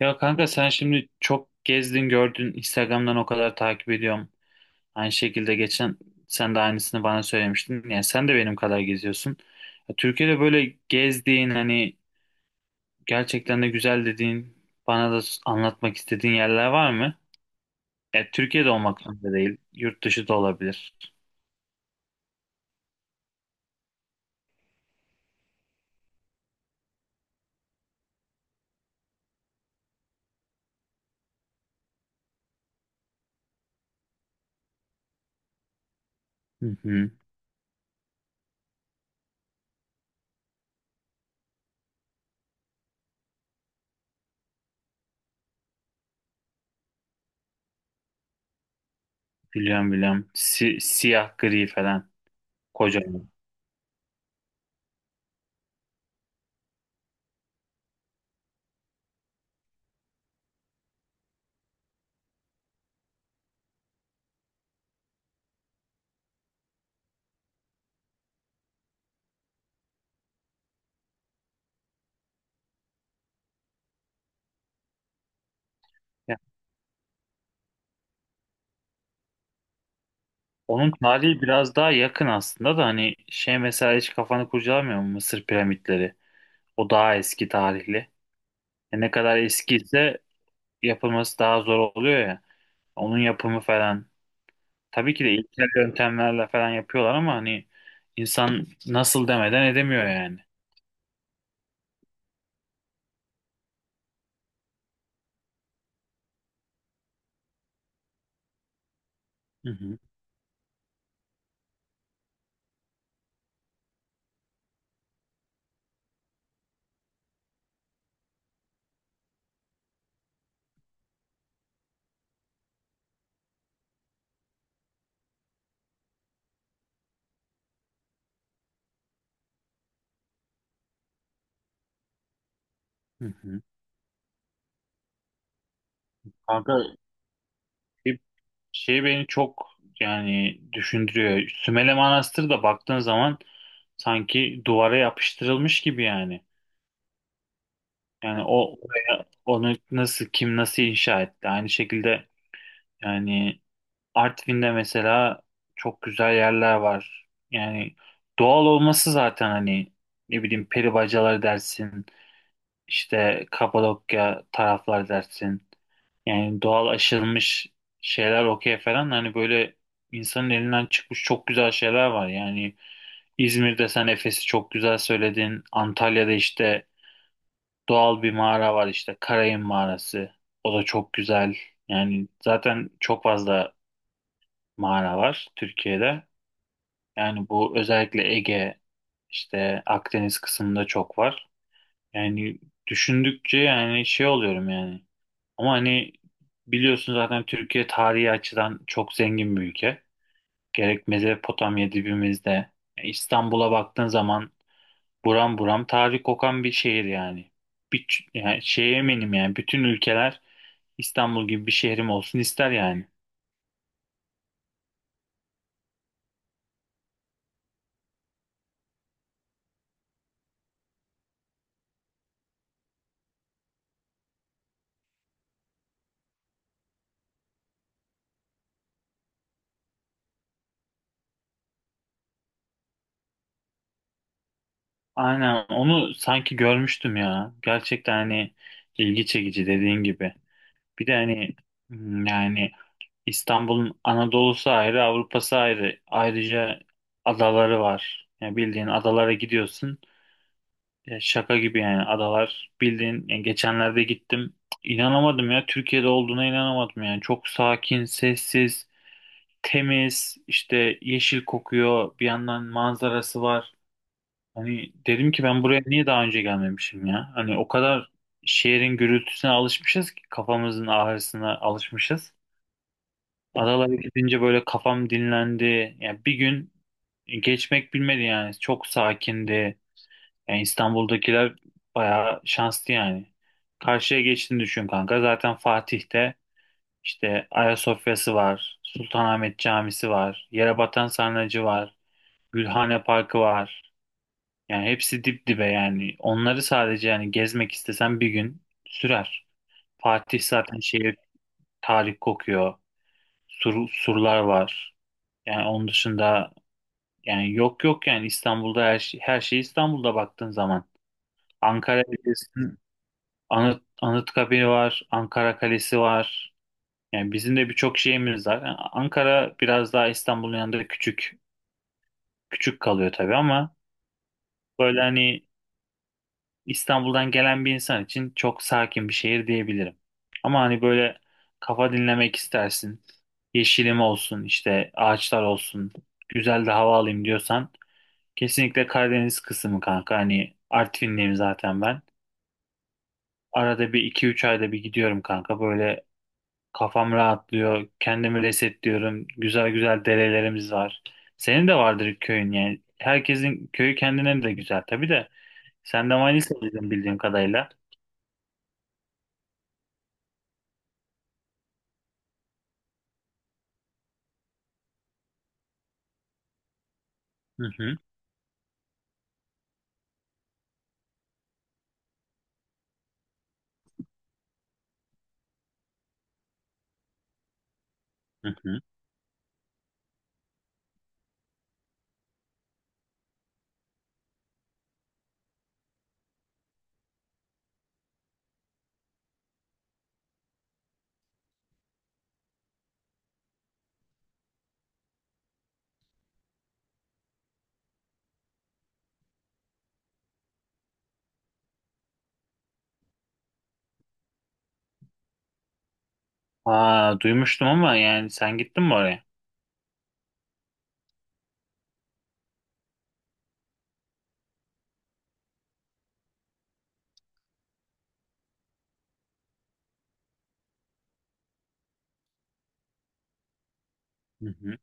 Ya kanka, sen şimdi çok gezdin gördün, Instagram'dan o kadar takip ediyorum. Aynı şekilde geçen sen de aynısını bana söylemiştin. Yani sen de benim kadar geziyorsun. Ya Türkiye'de böyle gezdiğin hani gerçekten de güzel dediğin bana da anlatmak istediğin yerler var mı? Ya Türkiye'de olmak zorunda değil. Yurt dışı da olabilir. Hı hı, biliyorum biliyorum. Siyah gri falan. Kocaman. Ya, onun tarihi biraz daha yakın aslında da hani şey, mesela hiç kafanı kurcalamıyor mu Mısır piramitleri? O daha eski tarihli. E ne kadar eskiyse yapılması daha zor oluyor ya. Onun yapımı falan. Tabii ki de ilkel yöntemlerle falan yapıyorlar, ama hani insan nasıl demeden edemiyor yani. Hı hı, hı hı. Kanka şey, şey beni çok, yani düşündürüyor. Sümele Manastırı da baktığın zaman sanki duvara yapıştırılmış gibi yani. Yani o oraya, onu nasıl, kim nasıl inşa etti? Aynı şekilde yani Artvin'de mesela çok güzel yerler var. Yani doğal olması zaten, hani ne bileyim peribacalar dersin, işte Kapadokya taraflar dersin. Yani doğal aşılmış şeyler okey falan, hani böyle insanın elinden çıkmış çok güzel şeyler var. Yani İzmir'de sen Efes'i çok güzel söyledin. Antalya'da işte doğal bir mağara var, işte Karayın Mağarası. O da çok güzel. Yani zaten çok fazla mağara var Türkiye'de. Yani bu özellikle Ege, işte Akdeniz kısmında çok var. Yani düşündükçe yani şey oluyorum yani. Ama hani biliyorsun zaten Türkiye tarihi açıdan çok zengin bir ülke. Gerek Mezopotamya dibimizde. İstanbul'a baktığın zaman buram buram tarih kokan bir şehir yani. Bir, Yani şeye eminim, yani bütün ülkeler İstanbul gibi bir şehrim olsun ister yani. Aynen onu sanki görmüştüm ya. Gerçekten hani ilgi çekici, dediğin gibi. Bir de hani yani İstanbul'un Anadolu'su ayrı, Avrupa'sı ayrı. Ayrıca adaları var. Yani bildiğin adalara gidiyorsun. Ya şaka gibi yani adalar. Bildiğin, yani geçenlerde gittim. İnanamadım ya, Türkiye'de olduğuna inanamadım yani. Çok sakin, sessiz, temiz, işte yeşil kokuyor. Bir yandan manzarası var. Hani dedim ki ben buraya niye daha önce gelmemişim ya? Hani o kadar şehrin gürültüsüne alışmışız ki, kafamızın ağrısına alışmışız. Adalara gidince böyle kafam dinlendi. Yani bir gün geçmek bilmedi yani. Çok sakindi. Yani İstanbul'dakiler bayağı şanslı yani. Karşıya geçtiğini düşün kanka. Zaten Fatih'te işte Ayasofya'sı var. Sultanahmet Camisi var. Yerebatan Sarnıcı var. Gülhane Parkı var. Yani hepsi dip dibe yani. Onları sadece yani gezmek istesen bir gün sürer. Fatih zaten şehir, tarih kokuyor. Surlar var. Yani onun dışında, yani yok yok yani İstanbul'da her şey, her şey İstanbul'da baktığın zaman. Ankara Belediyesi'nin Anıtkabir var, Ankara Kalesi var. Yani bizim de birçok şeyimiz var. Yani Ankara biraz daha İstanbul'un yanında küçük küçük kalıyor tabii, ama böyle hani İstanbul'dan gelen bir insan için çok sakin bir şehir diyebilirim. Ama hani böyle kafa dinlemek istersin, yeşilim olsun, işte ağaçlar olsun, güzel de hava alayım diyorsan kesinlikle Karadeniz kısmı kanka. Hani Artvinliyim zaten ben. Arada bir, iki üç ayda bir gidiyorum kanka. Böyle kafam rahatlıyor. Kendimi resetliyorum. Güzel güzel derelerimiz var. Senin de vardır köyün yani. Herkesin köyü kendine de güzel tabii de. Sen de Manisa'lıydın bildiğim kadarıyla. Hı hı. Hı hı. Aa, duymuştum ama yani sen gittin mi oraya? Hı hı.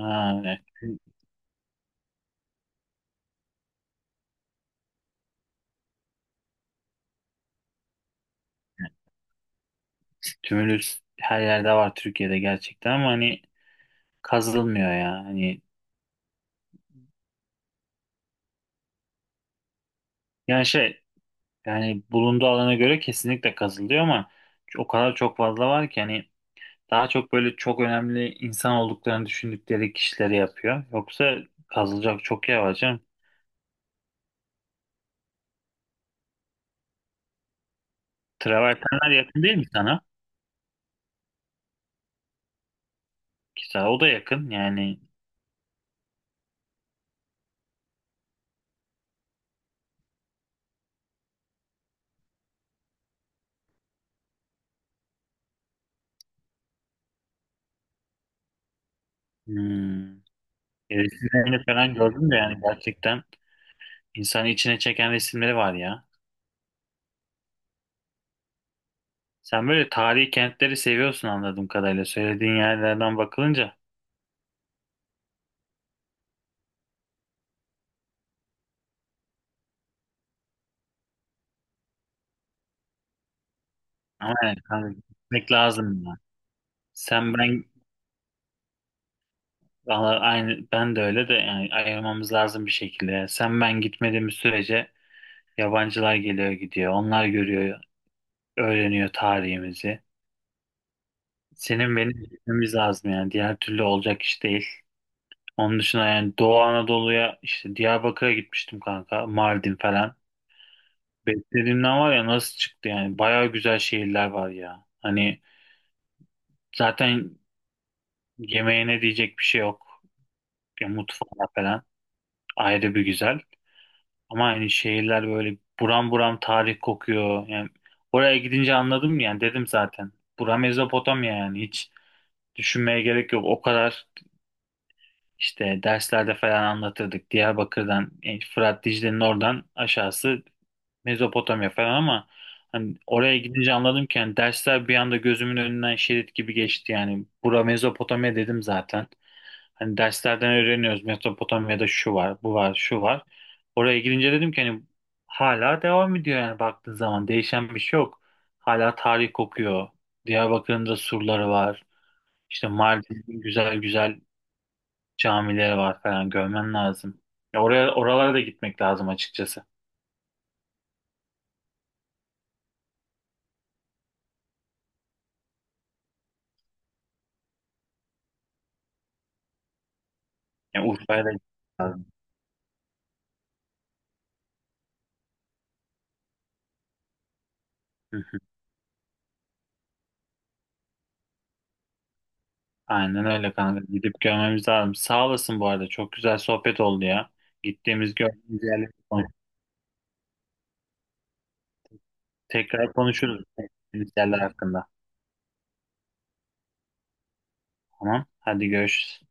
Aa, evet. Tümülüs her yerde var Türkiye'de gerçekten, ama hani kazılmıyor ya. Hani yani şey, yani bulunduğu alana göre kesinlikle kazılıyor, ama o kadar çok fazla var ki hani daha çok böyle çok önemli insan olduklarını düşündükleri kişileri yapıyor. Yoksa kazılacak çok yer var canım. Travertenler yakın değil mi sana? Ki sana o da yakın yani. hmm, Resimlerini falan gördüm de yani gerçekten insanı içine çeken resimleri var ya. Sen böyle tarihi kentleri seviyorsun anladığım kadarıyla, söylediğin yerlerden bakılınca. Ama yani kanka gitmek lazım ya. Sen ben Valla aynı, ben de öyle de yani ayırmamız lazım bir şekilde. Sen ben gitmediğimiz sürece yabancılar geliyor gidiyor. Onlar görüyor, öğreniyor tarihimizi. Senin benim gitmemiz lazım yani. Diğer türlü olacak iş değil. Onun dışında yani Doğu Anadolu'ya, işte Diyarbakır'a gitmiştim kanka. Mardin falan. Beklediğimden, var ya, nasıl çıktı yani. Baya güzel şehirler var ya. Hani zaten yemeğine diyecek bir şey yok. Ya mutfağı falan ayrı bir güzel. Ama hani şehirler böyle buram buram tarih kokuyor. Yani oraya gidince anladım yani, dedim zaten. Bura Mezopotamya, yani hiç düşünmeye gerek yok. O kadar işte derslerde falan anlatırdık. Diyarbakır'dan, yani Fırat Dicle'nin oradan aşağısı Mezopotamya falan, ama hani oraya gidince anladım ki yani, dersler bir anda gözümün önünden şerit gibi geçti yani. Bura Mezopotamya dedim zaten. Hani derslerden öğreniyoruz Mezopotamya'da şu var, bu var, şu var. Oraya gidince dedim ki hani hala devam ediyor yani, baktığın zaman değişen bir şey yok. Hala tarih kokuyor. Diyarbakır'ın da surları var. İşte Mardin'in güzel güzel camileri var falan, görmen lazım. Ya oraya, oralara da gitmek lazım açıkçası. Yani Urfa'ya da gitmek lazım. Aynen öyle kanka. Gidip görmemiz lazım. Sağ olasın bu arada. Çok güzel sohbet oldu ya. Gittiğimiz, gördüğümüz yerleri konuştuk. Tekrar konuşuruz gittiğimiz yerler hakkında. Tamam. Hadi görüşürüz.